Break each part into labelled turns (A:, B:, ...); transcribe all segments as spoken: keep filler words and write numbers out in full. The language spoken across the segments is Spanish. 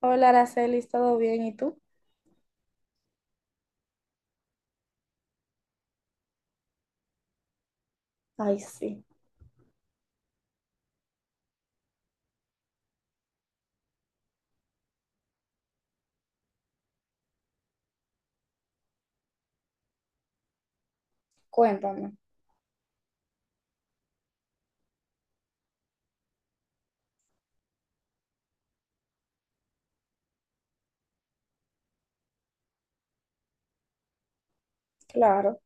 A: Hola, Araceli, ¿todo bien? ¿Y tú? Ay, sí, cuéntame, claro.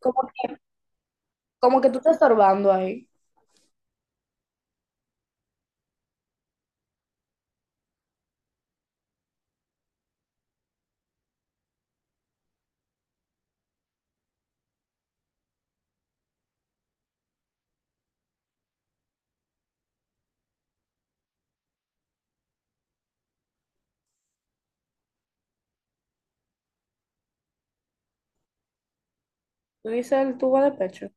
A: Como que, como que tú estás estorbando ahí. Tú dices el tubo de pecho.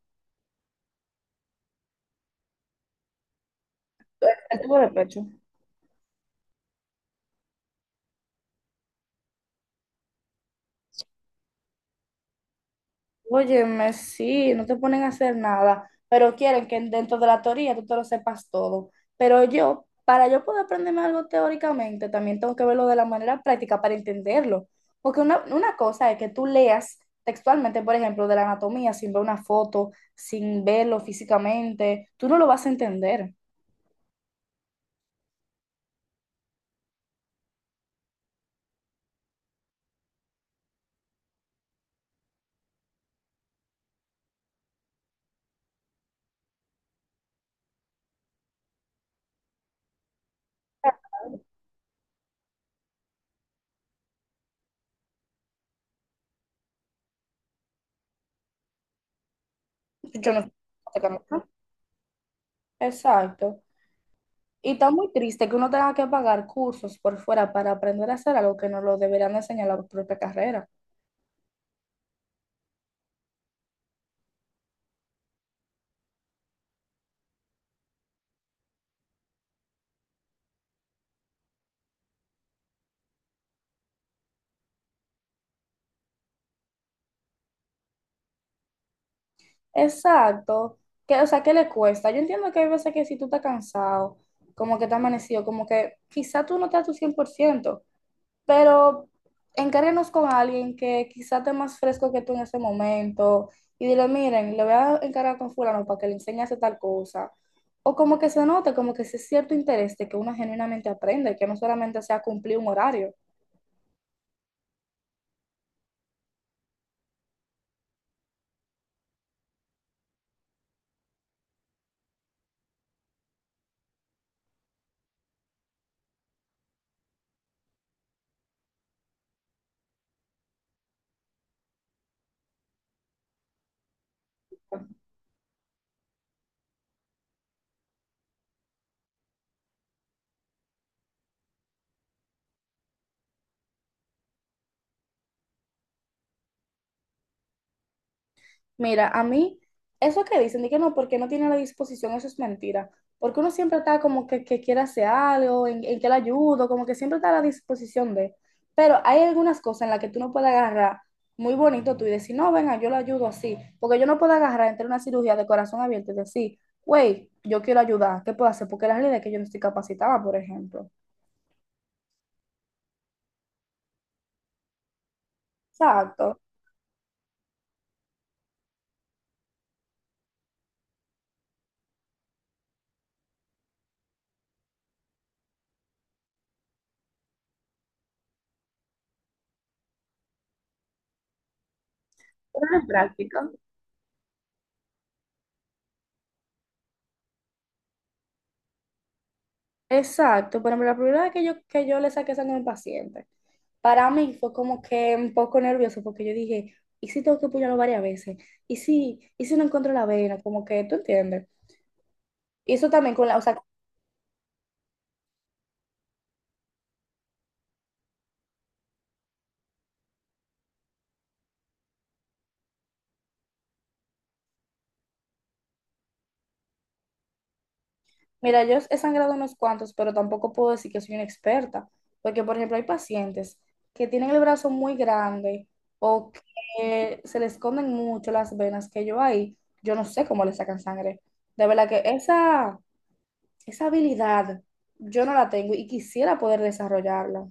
A: El, el tubo de pecho. Óyeme, sí, no te ponen a hacer nada, pero quieren que dentro de la teoría tú te lo sepas todo. Pero yo, para yo poder aprenderme algo teóricamente, también tengo que verlo de la manera práctica para entenderlo. Porque una, una cosa es que tú leas textualmente, por ejemplo, de la anatomía sin ver una foto, sin verlo físicamente, tú no lo vas a entender. Yo no. Exacto. Y está muy triste que uno tenga que pagar cursos por fuera para aprender a hacer algo que no lo deberían enseñar en la propia carrera. Exacto. Que, o sea, ¿qué le cuesta? Yo entiendo que hay veces que si tú estás cansado, como que te amanecido, como que quizá tú no estás a tu cien por ciento, pero encárguenos con alguien que quizá esté más fresco que tú en ese momento y dile, miren, le voy a encargar con fulano para que le enseñe a hacer tal cosa. O como que se note, como que ese cierto interés de que uno genuinamente aprende, que no solamente sea cumplir un horario. Mira, a mí, eso que dicen, de que no, porque no tiene la disposición, eso es mentira. Porque uno siempre está como que, que quiere hacer algo, en, en que le ayudo, como que siempre está a la disposición de. Pero hay algunas cosas en las que tú no puedes agarrar muy bonito tú y decir, no, venga, yo lo ayudo así. Porque yo no puedo agarrar entre una cirugía de corazón abierto y decir, güey, yo quiero ayudar, ¿qué puedo hacer? Porque la realidad es que yo no estoy capacitada, por ejemplo. Exacto. Pero es práctica. Exacto, por ejemplo, la primera vez que yo, que yo le saqué sangre a un paciente, para mí fue como que un poco nervioso porque yo dije, ¿y si tengo que apoyarlo varias veces? ¿Y si, y si no encuentro la vena? Como que, ¿tú entiendes? Y eso también con la, o sea, mira, yo he sangrado unos cuantos, pero tampoco puedo decir que soy una experta, porque por ejemplo hay pacientes que tienen el brazo muy grande o que se les esconden mucho las venas que yo ahí, yo no sé cómo le sacan sangre. De verdad que esa esa habilidad yo no la tengo y quisiera poder desarrollarla.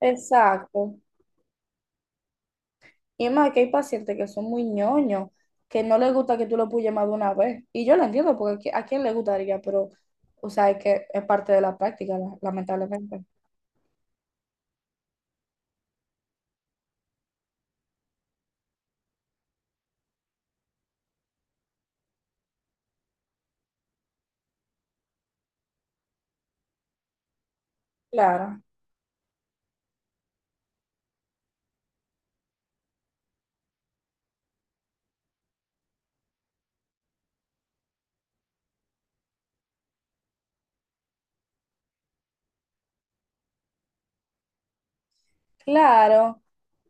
A: Exacto. Y es más que hay pacientes que son muy ñoños, que no les gusta que tú lo puyes más de una vez. Y yo lo entiendo, porque a qui- a quién le gustaría, pero, o sea, es que es parte de la práctica, la- lamentablemente. Claro. Claro,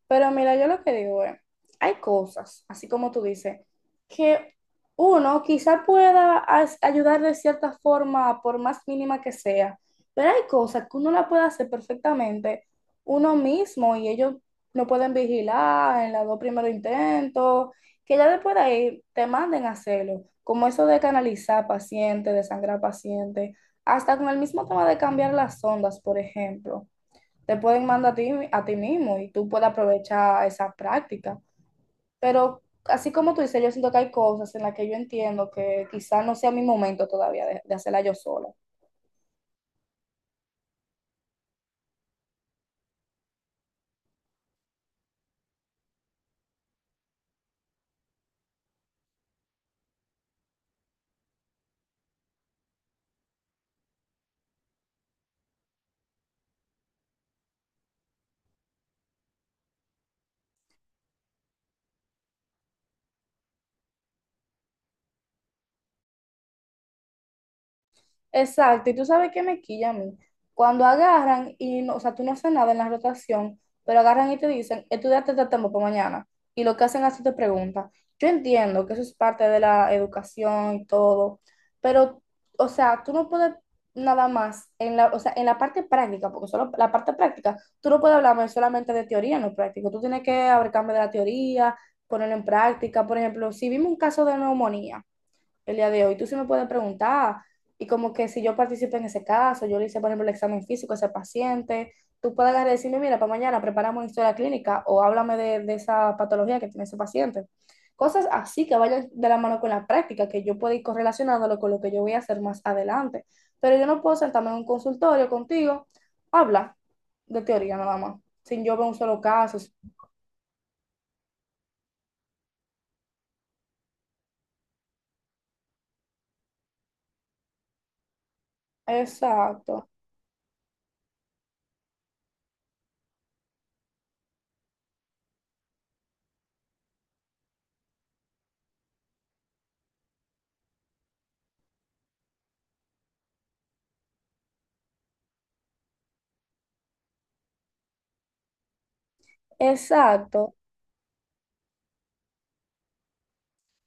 A: pero mira, yo lo que digo es, hay cosas, así como tú dices, que uno quizá pueda as- ayudar de cierta forma, por más mínima que sea, pero hay cosas que uno la puede hacer perfectamente uno mismo y ellos no pueden vigilar en los dos primeros intentos, que ya después de ahí te manden a hacerlo, como eso de canalizar pacientes, de sangrar pacientes, hasta con el mismo tema de cambiar las ondas. Por ejemplo, te pueden mandar a ti, a ti mismo, y tú puedes aprovechar esas prácticas. Pero así como tú dices, yo siento que hay cosas en las que yo entiendo que quizás no sea mi momento todavía de, de hacerla yo sola. Exacto, y tú sabes qué me quilla a mí. Cuando agarran y, no, o sea, tú no haces nada en la rotación, pero agarran y te dicen, estudiate este tema para mañana. Y lo que hacen es te preguntan. Yo entiendo que eso es parte de la educación y todo, pero, o sea, tú no puedes nada más, en la, o sea, en la parte práctica, porque solo la parte práctica, tú no puedes hablarme solamente de teoría, no práctico. Tú tienes que hablar de la teoría, ponerlo en práctica. Por ejemplo, si vimos un caso de neumonía, el día de hoy. Tú sí me puedes preguntar y como que si yo participé en ese caso, yo le hice, por ejemplo, el examen físico a ese paciente, tú puedes agarrar y decirme, mira, para mañana preparamos una historia clínica o háblame de, de esa patología que tiene ese paciente. Cosas así que vayan de la mano con la práctica, que yo pueda ir correlacionándolo con lo que yo voy a hacer más adelante. Pero yo no puedo sentarme en un consultorio contigo, habla de teoría nada más, sin yo ver un solo caso. Exacto, exacto.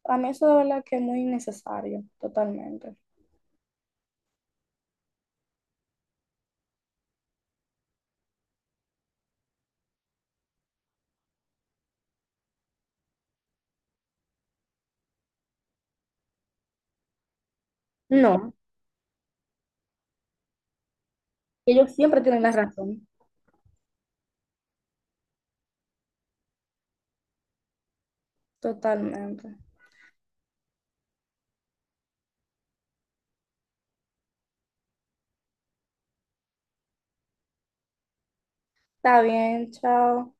A: A mí eso de verdad que es muy necesario totalmente. No, ellos siempre tienen la razón, totalmente. Está bien, chao.